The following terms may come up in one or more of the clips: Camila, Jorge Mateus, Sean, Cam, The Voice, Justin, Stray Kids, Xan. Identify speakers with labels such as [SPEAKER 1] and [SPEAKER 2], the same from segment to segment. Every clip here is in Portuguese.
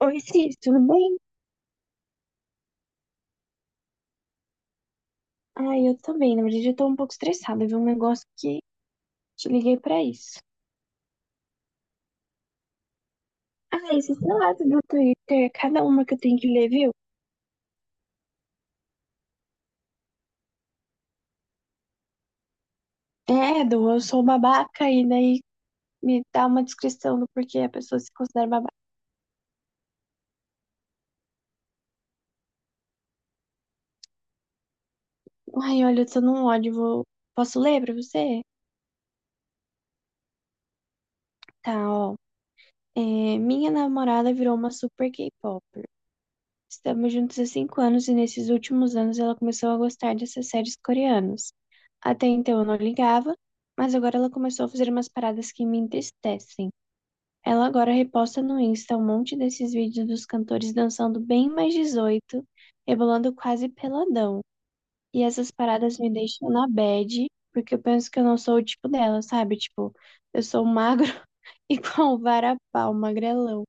[SPEAKER 1] Oi, Cis, tudo bem? Ai, eu também. Na verdade, eu tô um pouco estressada. Viu um negócio que te liguei pra isso. Ah, esses relatos do Twitter, cada uma que eu tenho que ler, viu? É, do eu sou babaca, e daí me dá uma descrição do porquê a pessoa se considera babaca. Ai, olha, eu tô num ódio. Vou... Posso ler pra você? Tá, ó. É, minha namorada virou uma super K-popper. Estamos juntos há 5 anos e nesses últimos anos ela começou a gostar dessas séries coreanas. Até então eu não ligava, mas agora ela começou a fazer umas paradas que me entristecem. Ela agora reposta no Insta um monte desses vídeos dos cantores dançando bem mais 18, rebolando quase peladão. E essas paradas me deixam na bad, porque eu penso que eu não sou o tipo dela, sabe? Tipo, eu sou magro igual um varapau, magrelão.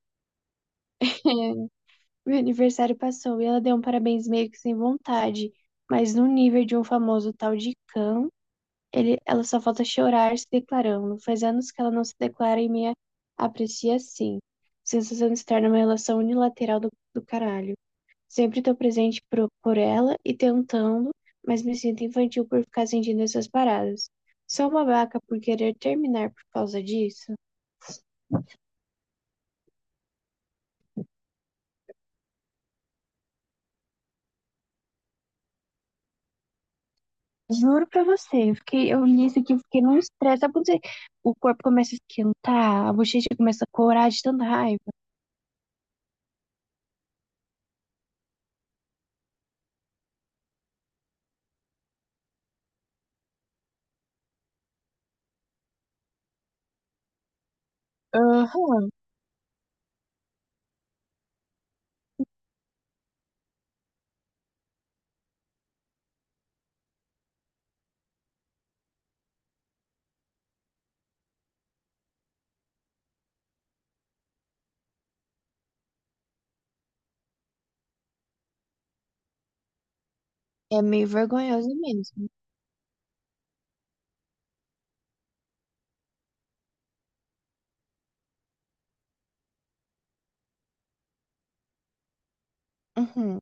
[SPEAKER 1] Meu aniversário passou e ela deu um parabéns meio que sem vontade, mas no nível de um famoso tal de Cam, ele, ela só falta chorar se declarando. Faz anos que ela não se declara e me aprecia assim. Sensação de estar numa relação unilateral do caralho. Sempre tô presente por ela e tentando, mas me sinto infantil por ficar sentindo essas paradas. Sou uma vaca por querer terminar por causa disso. Juro pra você, eu fiquei, eu li isso aqui, eu fiquei num estresse. Sabe quando você- o corpo começa a esquentar, a bochecha começa a corar de tanta raiva? Aham. É meio vergonhoso mesmo. Uhum.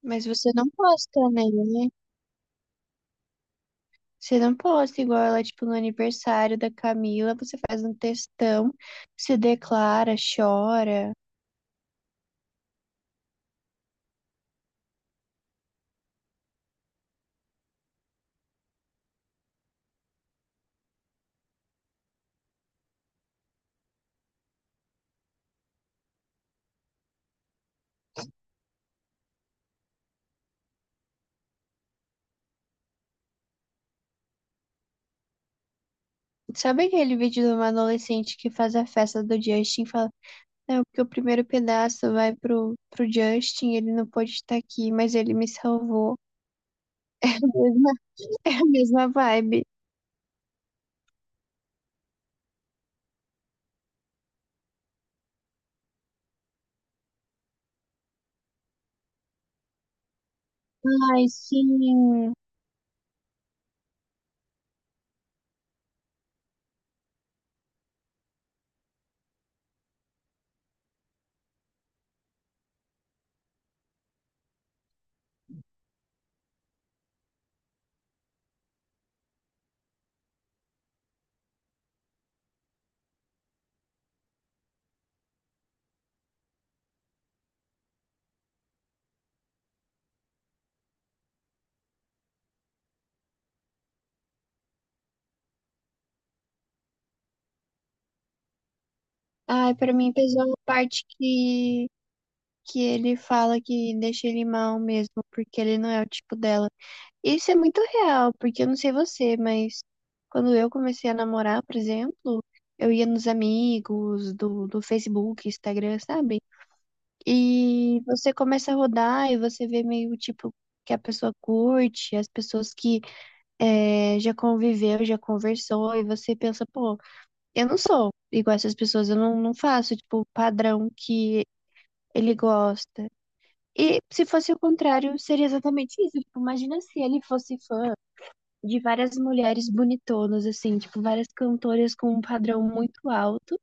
[SPEAKER 1] Mas você não posta nele, né? Você não posta igual ela, tipo, no aniversário da Camila, você faz um textão, se declara, chora. Sabe aquele vídeo de uma adolescente que faz a festa do Justin e fala, não, porque o primeiro pedaço vai pro Justin, ele não pôde estar aqui, mas ele me salvou. É a mesma vibe. Ai, sim. Ai, pra mim pesou a parte que ele fala que deixa ele mal mesmo, porque ele não é o tipo dela. Isso é muito real, porque eu não sei você, mas quando eu comecei a namorar, por exemplo, eu ia nos amigos do Facebook, Instagram, sabe? E você começa a rodar e você vê meio tipo que a pessoa curte, as pessoas que já conviveu, já conversou, e você pensa, pô, eu não sou igual essas pessoas, eu não, não faço, tipo, o padrão que ele gosta. E se fosse o contrário, seria exatamente isso. Tipo, imagina se ele fosse fã de várias mulheres bonitonas, assim, tipo, várias cantoras com um padrão muito alto,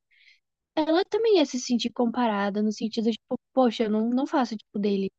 [SPEAKER 1] ela também ia se sentir comparada, no sentido, tipo, poxa, eu não, não faço tipo dele.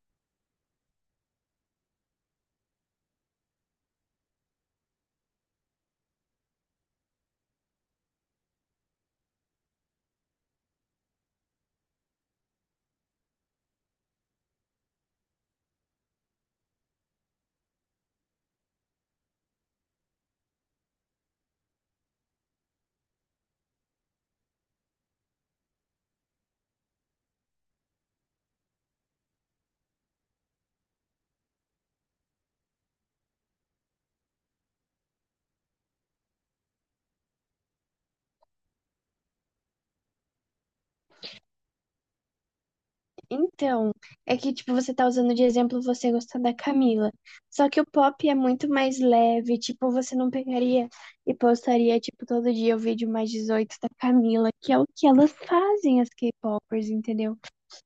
[SPEAKER 1] Então, é que, tipo, você tá usando de exemplo você gostar da Camila. Só que o pop é muito mais leve, tipo, você não pegaria e postaria, tipo, todo dia o vídeo mais 18 da Camila, que é o que elas fazem, as K-popers, entendeu?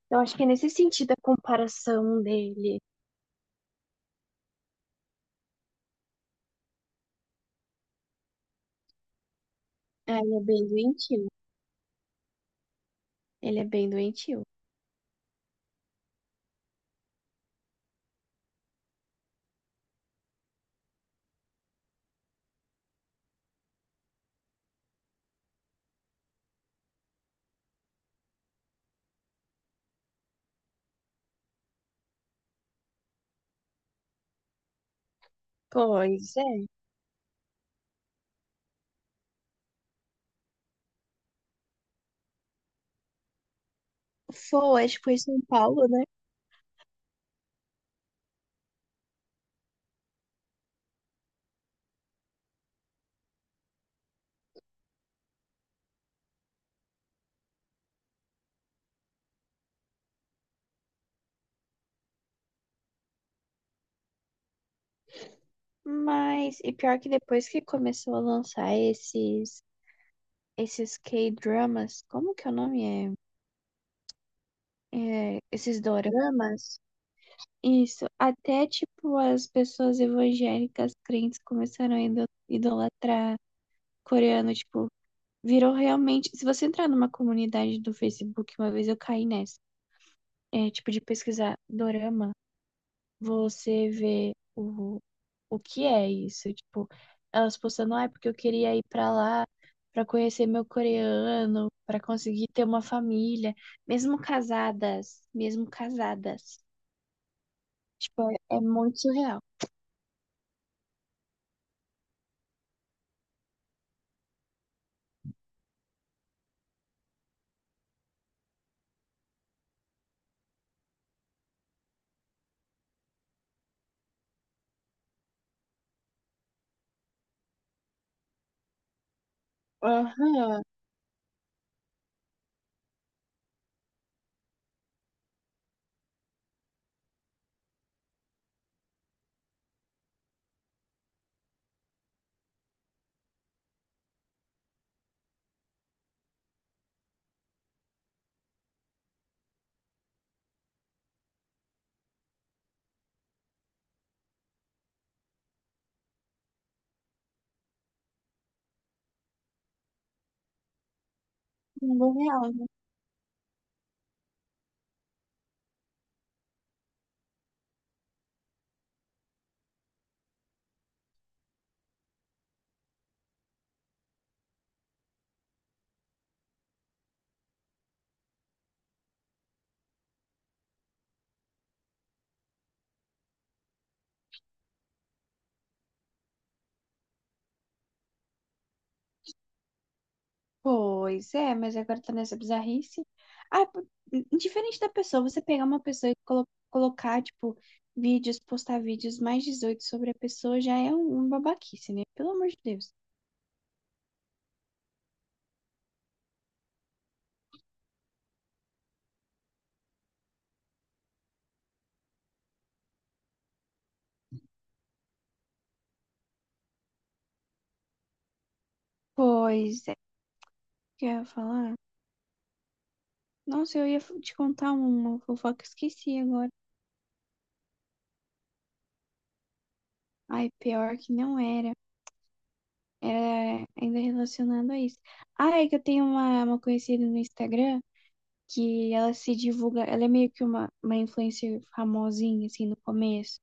[SPEAKER 1] Eu acho que é nesse sentido a comparação dele. Ah, ele é bem doentio. Ele é bem doentio. Pois é. Foi, acho que foi em São Paulo, né? Mas, e pior que depois que começou a lançar esses, esses K-dramas, como que é o nome é? É, esses doramas? Isso, até tipo as pessoas evangélicas crentes começaram a idolatrar coreano, tipo, virou realmente. Se você entrar numa comunidade do Facebook, uma vez eu caí nessa, é, tipo, de pesquisar dorama. Você vê o que é isso. Tipo, elas postando, ah, porque eu queria ir pra lá pra conhecer meu coreano, pra conseguir ter uma família, mesmo casadas, mesmo casadas. Tipo, é muito surreal. Aham, mundo real, né? Pois é, mas agora tá nessa bizarrice. Ah, indiferente da pessoa, você pegar uma pessoa e colocar, tipo, vídeos, postar vídeos mais 18 sobre a pessoa já é um babaquice, né? Pelo amor de Deus. Pois é, que eu ia falar. Nossa, eu ia te contar uma fofoca, esqueci agora. Ai, pior que não era. Era ainda relacionado a isso. Ah, é que eu tenho uma conhecida no Instagram que ela se divulga. Ela é meio que uma influencer famosinha, assim, no começo.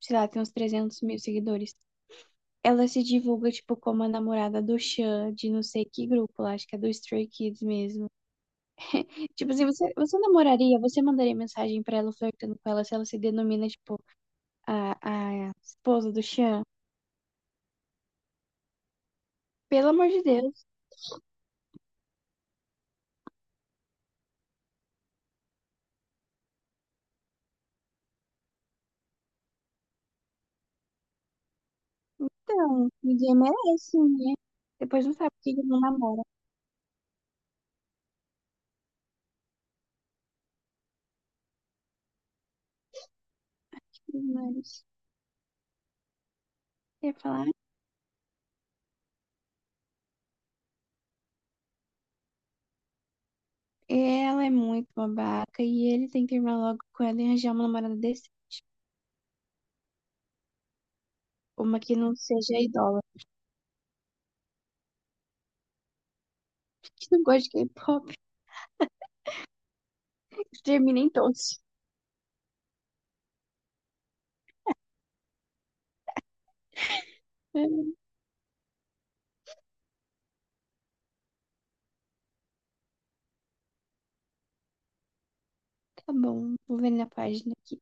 [SPEAKER 1] Sei lá, tem uns 300 mil seguidores. Ela se divulga, tipo, como a namorada do Xan, de não sei que grupo lá, acho que é do Stray Kids mesmo. Tipo assim, você namoraria, você mandaria mensagem pra ela flertando com ela se denomina, tipo. A esposa do Sean. Pelo amor de Deus, então, ninguém merece, né? Depois não sabe por que ele não namora. Mas eu ia falar, ela é muito babaca e ele tem que terminar logo com ela e arranjar uma namorada desse. Uma que não seja idólatra, que não gosta de K-pop, termina em todos. É, tá bom, vou ver na página aqui.